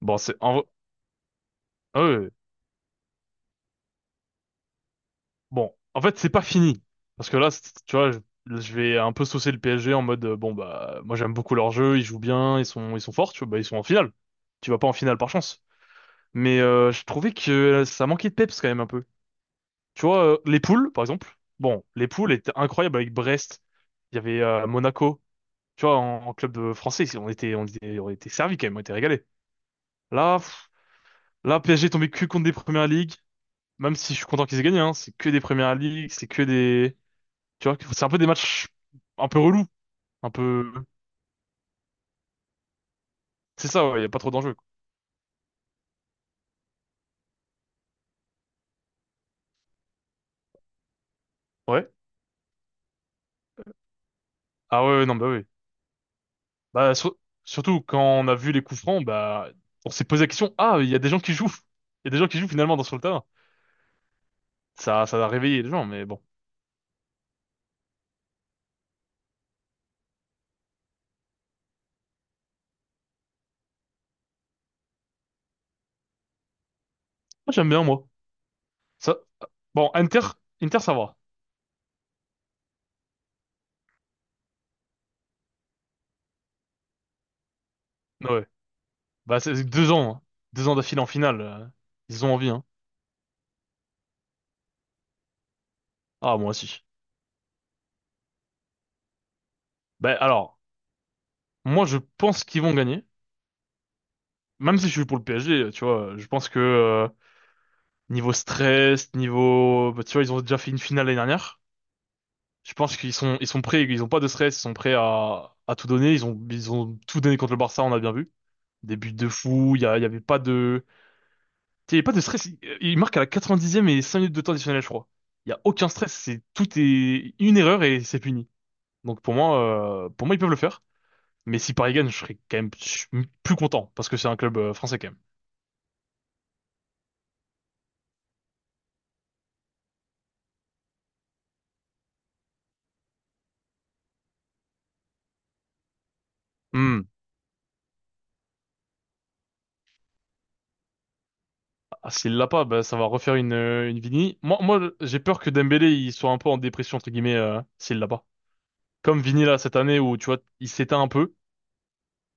Bon, euh, bon, en fait, c'est pas fini. Parce que là, tu vois, je vais un peu saucer le PSG en mode, bon, bah, moi j'aime beaucoup leur jeu, ils jouent bien, ils sont forts, tu vois, bah, ils sont en finale. Tu vas pas en finale par chance. Mais je trouvais que ça manquait de peps quand même un peu. Tu vois, les poules, par exemple. Bon, les poules étaient incroyables avec Brest. Il y avait Monaco. Tu vois, en club français, on était servis quand même, on était régalés. Là, PSG est tombé cul contre des premières ligues. Même si je suis content qu'ils aient gagné, hein, c'est que des Premières Ligues, c'est que des... Tu vois, c'est un peu des matchs un peu relous, un peu... C'est ça, ouais, y a pas trop d'enjeux, quoi. Ouais. Ah ouais, ouais, non, bah oui. Bah, surtout quand on a vu les coups francs, bah, on s'est posé la question, ah, il y a des gens qui jouent. Il y a des gens qui jouent finalement dans sur le terrain. Ça a réveillé les gens, mais bon. Moi, j'aime bien, moi. Ça, bon, Inter, ça va. Ouais. Bah, c'est 2 ans, hein. 2 ans d'affilée en finale. Ils ont envie, hein. Ah, moi aussi. Bah, alors, moi, je pense qu'ils vont gagner. Même si je suis pour le PSG, tu vois, je pense que niveau stress, niveau, bah, tu vois, ils ont déjà fait une finale l'année dernière. Je pense qu'ils sont prêts, ils ont pas de stress, ils sont prêts à tout donner. Ils ont tout donné contre le Barça, on a bien vu. Des buts de fou, il y avait pas de, tu sais, il y avait pas de stress. Ils marquent à la 90e et 5 minutes de temps additionnel, je crois. Il y a aucun stress, c'est tout est une erreur et c'est puni. Donc pour moi, ils peuvent le faire. Mais si Paris gagne, je serais quand même plus content parce que c'est un club français quand même. Ah, s'il l'a pas, bah, ça va refaire une Vini. Moi, j'ai peur que Dembélé, il soit un peu en dépression, entre guillemets, s'il l'a pas. Comme Vini, là, cette année où, tu vois, il s'éteint un peu,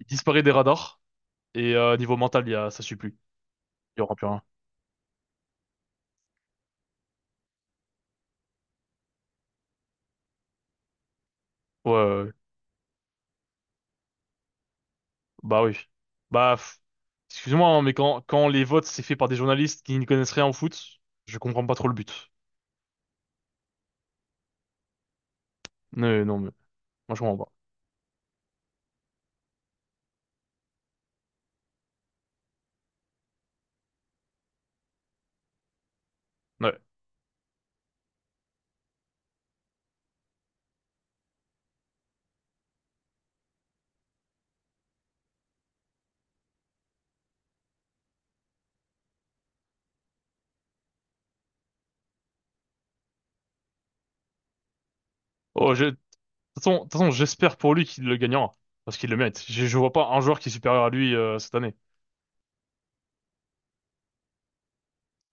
il disparaît des radars, et niveau mental, il y a, ça suit plus. Il y aura plus rien. Ouais, ouais, ouais. Bah oui. Bah, excuse-moi, hein, mais quand les votes, c'est fait par des journalistes qui n'y connaissent rien au foot, je comprends pas trop le but. Non, non, mais moi, je comprends pas. Ouais. Oh, de toute façon, j'espère pour lui qu'il le gagnera, parce qu'il le mérite. Je vois pas un joueur qui est supérieur à lui cette année.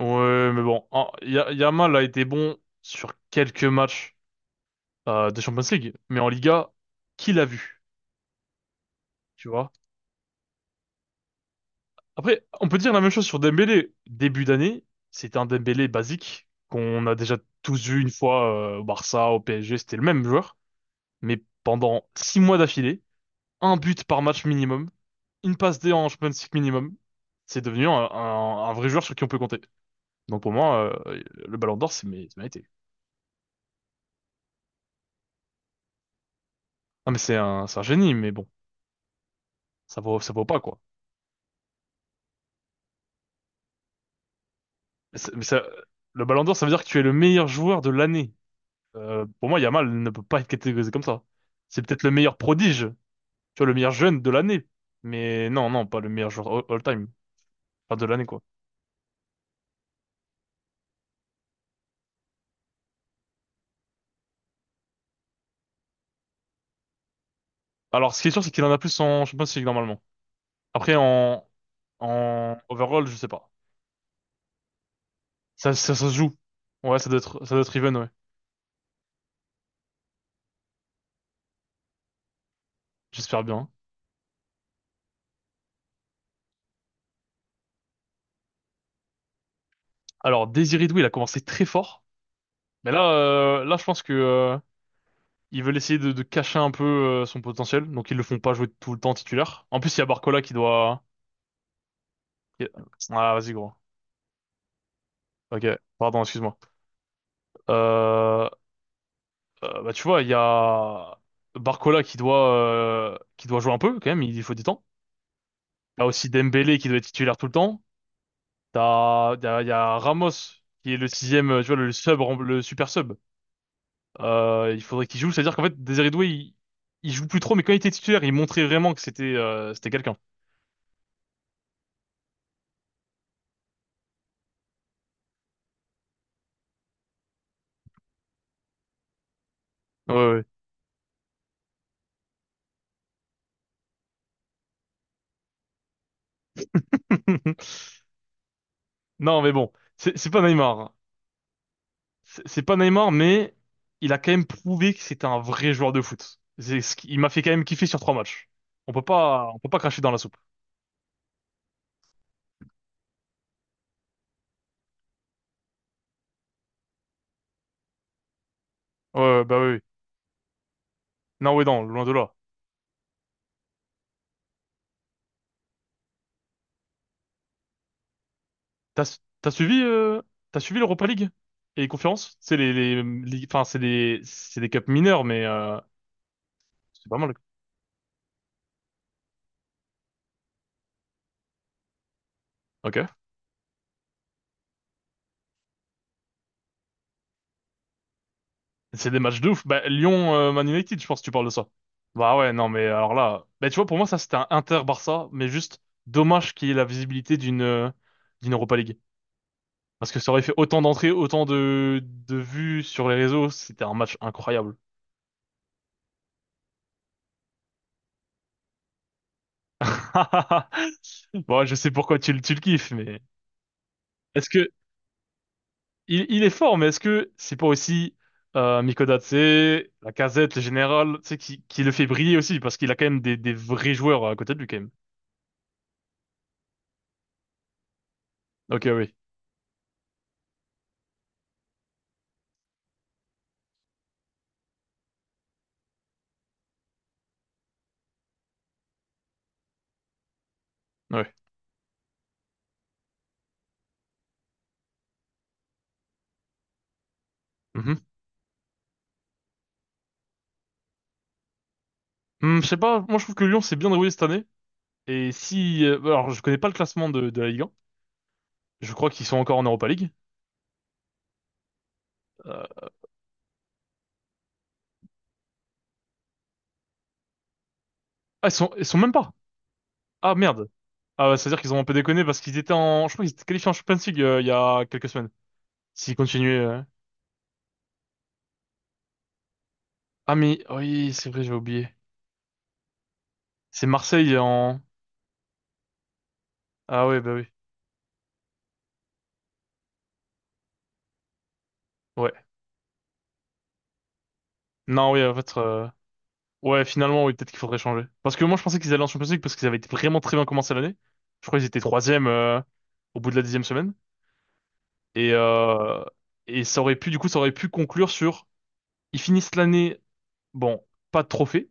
Ouais, mais bon, Yamal a été bon sur quelques matchs de Champions League, mais en Liga, qui l'a vu, tu vois? Après, on peut dire la même chose sur Dembélé. Début d'année, c'était un Dembélé basique qu'on a déjà tous vu une fois au Barça, au PSG, c'était le même joueur, mais pendant 6 mois d'affilée, un but par match minimum, une passe D en Champions League minimum, c'est devenu un vrai joueur sur qui on peut compter. Donc pour moi, le Ballon d'Or, c'est mérité. Ah mais c'est un génie, mais bon, ça vaut pas quoi. Mais le Ballon d'Or, ça veut dire que tu es le meilleur joueur de l'année. Pour moi, Yamal ne peut pas être catégorisé comme ça. C'est peut-être le meilleur prodige, tu vois, le meilleur jeune de l'année. Mais non, non, pas le meilleur joueur all-time. Pas de l'année, quoi. Alors, ce qui est sûr, c'est qu'il en a plus en Champions League, normalement. Après, en overall, je sais pas. Ça se joue. Ouais, ça doit être even, ouais. J'espère bien. Alors, Désiré Doué, il a commencé très fort. Mais là, je pense que ils veulent essayer de cacher un peu son potentiel, donc ils le font pas jouer tout le temps titulaire. En plus, il y a Barcola qui doit... Ah, vas-y, gros. Ok, pardon, excuse-moi. Euh, Bah, tu vois, il y a Barcola qui doit jouer un peu, quand même, il faut du temps. T'as aussi Dembélé qui doit être titulaire tout le temps. Il y a Ramos qui est le sixième, tu vois, le super sub. Il faudrait qu'il joue, c'est-à-dire qu'en fait, Désiré Doué, il joue plus trop, mais quand il était titulaire, il montrait vraiment que c'était quelqu'un. Ouais, ouais. Non, mais bon, c'est pas Neymar. C'est pas Neymar, mais il a quand même prouvé que c'était un vrai joueur de foot. Il m'a fait quand même kiffer sur trois matchs. On peut pas cracher dans la soupe. Ouais, ouais, bah oui. Oui. Non, oui, non, loin de là. T'as, su- t'as suivi, euh, t'as suivi l'Europa League et les conférences? C'est les- Enfin, c'est des cups mineurs, mais c'est pas mal. Ok. C'est des matchs de ouf. Bah, Lyon, Man United, je pense que tu parles de ça. Bah ouais, non, mais alors là, bah tu vois, pour moi, ça c'était un Inter-Barça, mais juste dommage qu'il y ait la visibilité d'une Europa League. Parce que ça aurait fait autant d'entrées, autant de vues sur les réseaux, c'était un match incroyable. Bon, je sais pourquoi tu le kiffes, mais est-ce que il est fort, mais est-ce que c'est pas aussi Mikodate, la casette le général, tu sais, qui le fait briller aussi, parce qu'il a quand même des vrais joueurs à côté de lui, quand même. Ok, oui, ouais. Je sais pas, moi je trouve que Lyon s'est bien déroulé cette année. Et si. Alors, je connais pas le classement de la Ligue 1. Je crois qu'ils sont encore en Europa League. Euh, ah, ils sont même pas. Ah merde. Ah, ouais, c'est-à-dire qu'ils ont un peu déconné parce qu'ils étaient en. Je crois qu'ils étaient qualifiés en Champions League il y a quelques semaines. S'ils continuaient. Ah, mais oui, c'est vrai, j'ai oublié. C'est Marseille en. Ah, ouais, bah oui. Ouais. Non, oui, en fait. Ouais, finalement, oui, peut-être qu'il faudrait changer. Parce que moi je pensais qu'ils allaient en Champions League parce qu'ils avaient été vraiment très bien commencé l'année. Je crois qu'ils étaient troisième au bout de la dixième semaine. Et, euh, et ça aurait pu, du coup, ça aurait pu conclure sur, ils finissent l'année, bon, pas de trophée,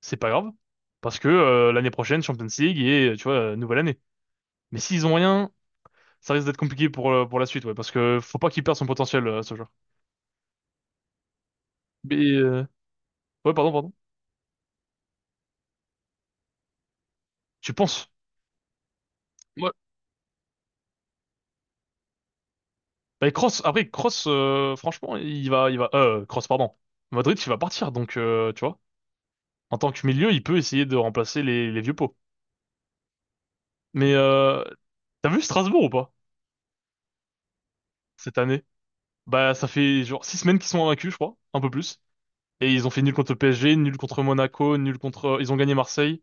c'est pas grave, parce que l'année prochaine, Champions League et, tu vois, nouvelle année. Mais s'ils ont rien, ça risque d'être compliqué pour la suite, ouais, parce que faut pas qu'il perde son potentiel, ce joueur. Mais, ouais, pardon, pardon. Tu penses? Ouais. Bah, Kroos, après, Kroos, franchement, il va, Kroos, pardon. Madrid, il va partir, donc, tu vois, en tant que milieu, il peut essayer de remplacer les vieux pots. Mais, t'as vu Strasbourg ou pas, cette année? Bah, ça fait genre 6 semaines qu'ils sont invaincus, je crois, un peu plus. Et ils ont fait nul contre le PSG, nul contre Monaco, nul contre. Ils ont gagné Marseille.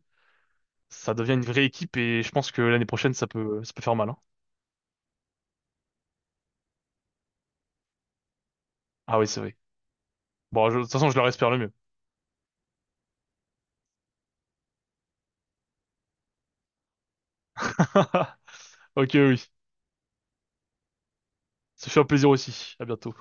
Ça devient une vraie équipe et je pense que l'année prochaine, ça peut faire mal, hein. Ah oui, c'est vrai. Bon, de toute façon, je leur espère le mieux. Ok, oui. Ça fait un plaisir aussi. À bientôt.